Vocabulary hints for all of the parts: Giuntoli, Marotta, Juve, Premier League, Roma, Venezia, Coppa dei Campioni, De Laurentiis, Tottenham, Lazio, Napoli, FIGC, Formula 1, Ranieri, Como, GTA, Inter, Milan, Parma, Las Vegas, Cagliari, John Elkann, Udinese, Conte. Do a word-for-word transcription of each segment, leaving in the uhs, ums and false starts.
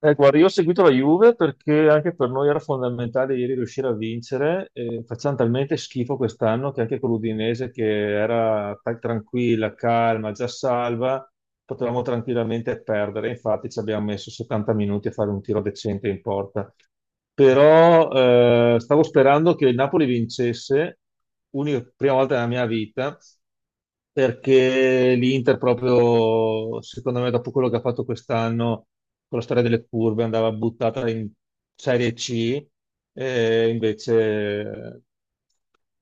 Eh, guarda, io ho seguito la Juve perché anche per noi era fondamentale ieri riuscire a vincere. Eh, facciamo talmente schifo quest'anno che anche con l'Udinese, che era tra- tranquilla, calma, già salva, potevamo tranquillamente perdere. Infatti ci abbiamo messo settanta minuti a fare un tiro decente in porta. Però eh, stavo sperando che il Napoli vincesse, unica prima volta nella mia vita perché l'Inter proprio, secondo me, dopo quello che ha fatto quest'anno con la storia delle curve, andava buttata in Serie C, e invece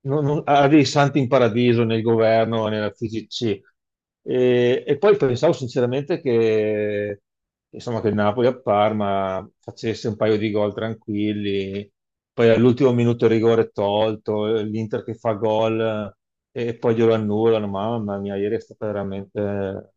non- non- ha dei santi in paradiso nel governo e nella F I G C. E, e poi pensavo sinceramente che, insomma, che il Napoli a Parma facesse un paio di gol tranquilli, poi all'ultimo minuto il rigore tolto, l'Inter che fa gol eh, e poi glielo annullano. Mamma mia, ieri è stata veramente.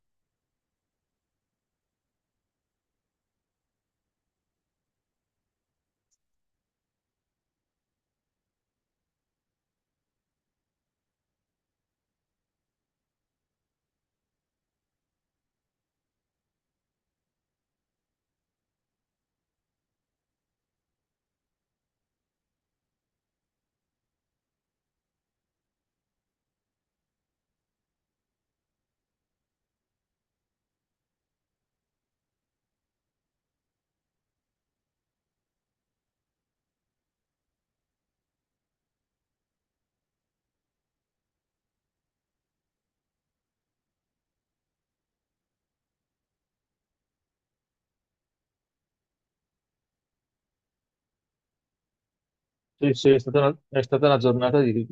Sì, sì, è stata una, è stata una giornata di-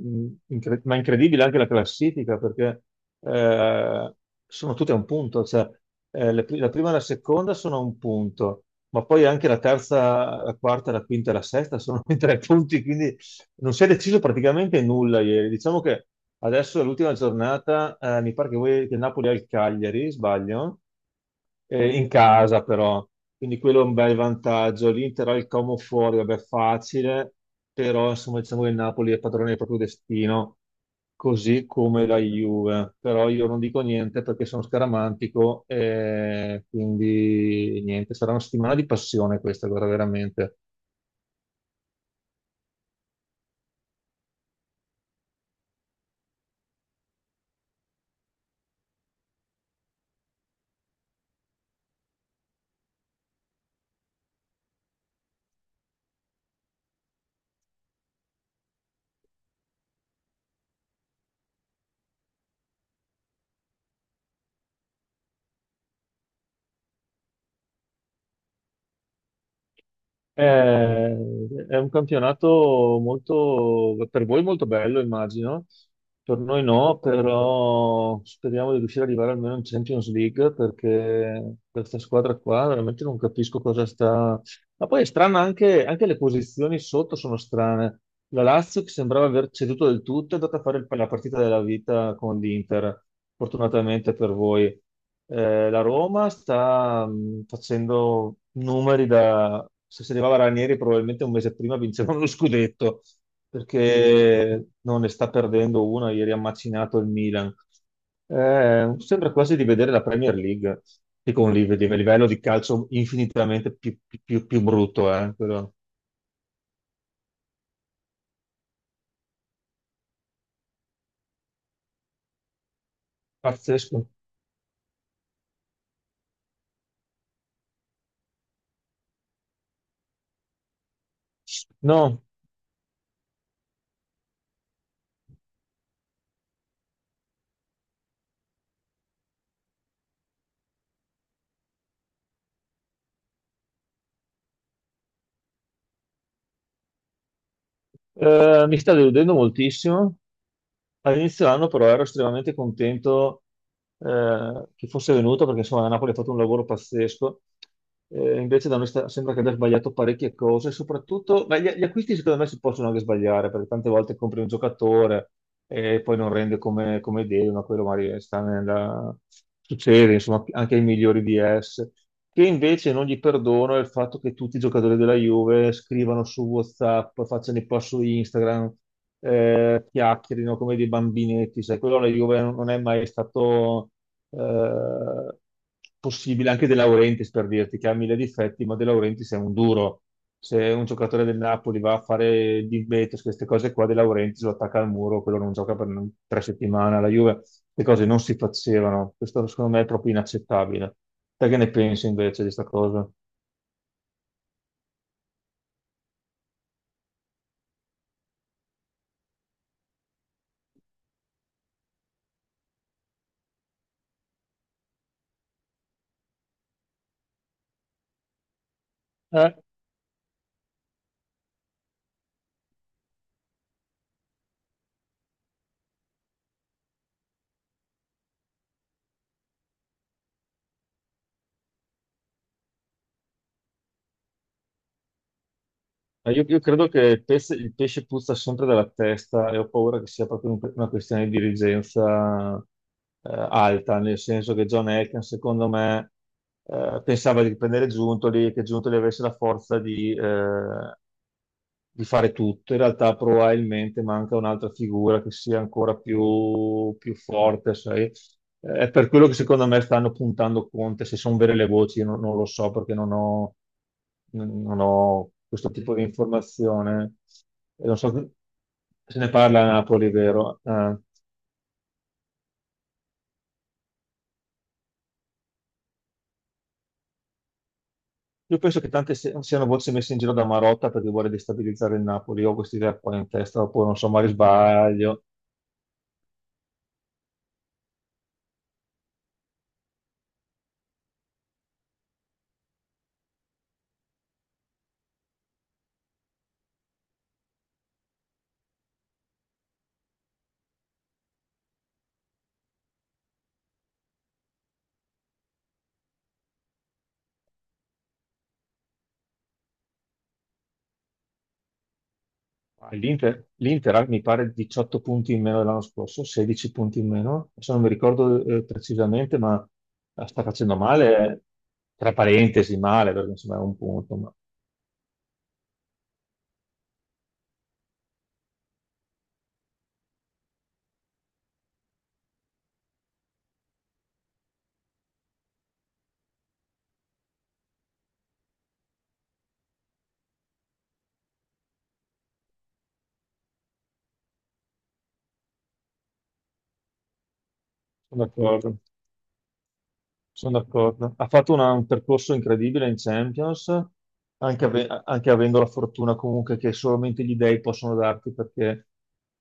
incre- ma incredibile anche la classifica perché eh, sono tutte a un punto, cioè, eh, le pri- la prima e la seconda sono a un punto, ma poi anche la terza, la quarta, la quinta e la sesta sono in tre punti, quindi non si è deciso praticamente nulla ieri. Diciamo che adesso è l'ultima giornata, eh, mi pare che, voi, che Napoli ha il Cagliari, sbaglio? eh, in casa però, quindi quello è un bel vantaggio. L'Inter ha il Como fuori, vabbè, facile, però insomma diciamo che il Napoli è padrone del proprio destino, così come la Juve. Però io non dico niente perché sono scaramantico, e quindi niente, sarà una settimana di passione questa, guarda, veramente. Eh, è un campionato molto, per voi molto bello, immagino, per noi no, però speriamo di riuscire ad arrivare almeno in Champions League perché questa squadra qua veramente non capisco cosa sta. Ma poi è strana anche, anche le posizioni sotto sono strane. La Lazio che sembrava aver ceduto del tutto è andata a fare il- la partita della vita con l'Inter, fortunatamente per voi. Eh, la Roma sta mh, facendo numeri da. Se si arrivava Ranieri probabilmente un mese prima vinceva uno scudetto, perché non ne sta perdendo una, ieri ha macinato il Milan. Eh, sembra quasi di vedere la Premier League, che con un live- di- livello di calcio infinitamente più, più- più- più brutto, eh, quello pazzesco. No, eh, mi sta deludendo moltissimo. All'inizio dell'anno però ero estremamente contento eh, che fosse venuto perché insomma la Napoli ha fatto un lavoro pazzesco. Eh, invece da noi sta- sembra che abbia sbagliato parecchie cose, soprattutto beh, gli, gli acquisti secondo me si possono anche sbagliare perché tante volte compri un giocatore e poi non rende come, come devi, ma quello magari sta nella. Succede insomma anche ai migliori di esse. Che invece non gli perdono è il fatto che tutti i giocatori della Juve scrivano su WhatsApp, facciano i post su Instagram eh,, chiacchierino come dei bambinetti, sai, quello la Juve non non è mai stato eh, possibile, anche De Laurentiis per dirti che ha mille difetti, ma De Laurentiis è un duro. Se un giocatore del Napoli va a fare il divetos, queste cose qua, De Laurentiis lo attacca al muro, quello non gioca per tre settimane. La Juve, le cose non si facevano. Questo secondo me è proprio inaccettabile. Te che ne pensi invece di questa cosa? Ma Io, io credo che il pesce, il pesce puzza sempre dalla testa e ho paura che sia proprio un- una questione di dirigenza eh, alta, nel senso che John Elkann, secondo me, eh, pensava di prendere Giuntoli e che Giuntoli avesse la forza di, eh, di fare tutto. In realtà probabilmente manca un'altra figura che sia ancora più, più forte, sai? Eh, È per quello che secondo me stanno puntando Conte, se sono vere le voci, io non, non lo so perché non ho, non ho questo tipo di informazione. E non so che- se ne parla a Napoli, vero? Eh, io penso che tante se- siano voci messe in giro da Marotta perché vuole destabilizzare il Napoli. Io ho questa idea qua in testa, oppure non so, ma sbaglio. Ah, L'Inter l'Inter ha, mi pare diciotto punti in meno dell'anno scorso, sedici punti in meno, adesso non mi ricordo eh, precisamente, ma la sta facendo male, tra parentesi male, perché insomma è un punto, ma sono d'accordo. Sono d'accordo. Ha fatto una- un percorso incredibile in Champions, anche, ave- anche avendo la fortuna comunque che solamente gli dei possono darti, perché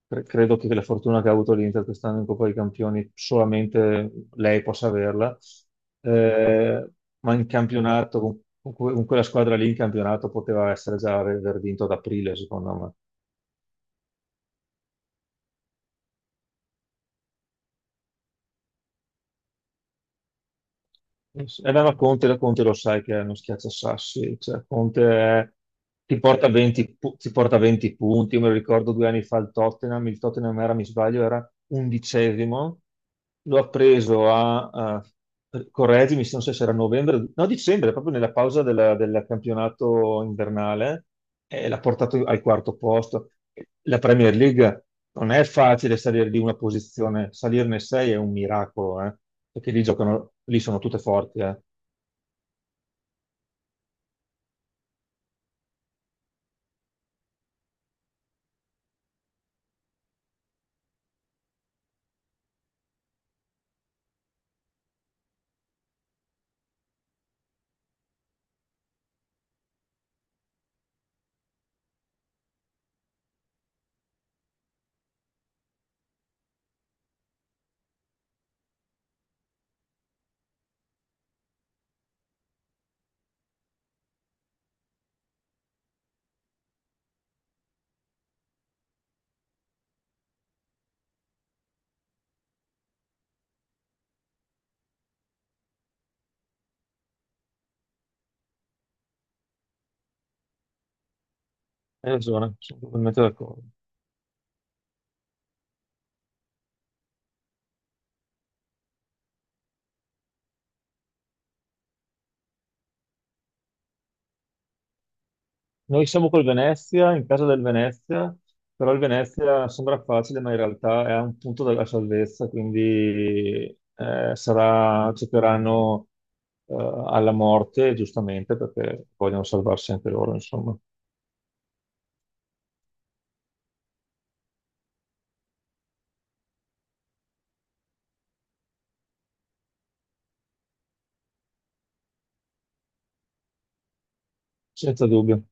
cre- credo che la fortuna che ha avuto l'Inter quest'anno in Coppa dei Campioni solamente lei possa averla. Eh, ma in campionato, con, con que- con quella squadra lì in campionato poteva essere già aver vinto ad aprile, secondo me. Era la Conte, la Conte lo sai che è uno schiacciasassi, cioè Conte è- ti porta venti, pu- ti porta venti punti, io me lo ricordo due anni fa il Tottenham, il Tottenham era, mi sbaglio, era undicesimo, lo ha preso a, a correggimi se non so se era novembre, no dicembre, proprio nella pausa della- del campionato invernale, e l'ha portato al quarto posto. La Premier League non è facile salire di una posizione, salirne sei è un miracolo, eh, perché lì giocano, lì sono tutte forti. eh. Hai ragione, sono totalmente d'accordo. Noi siamo col Venezia, in casa del Venezia, però il Venezia sembra facile, ma in realtà è a un punto della salvezza, quindi eh, sarà, cercheranno eh, alla morte, giustamente, perché vogliono salvarsi anche loro, insomma, senza dubbio.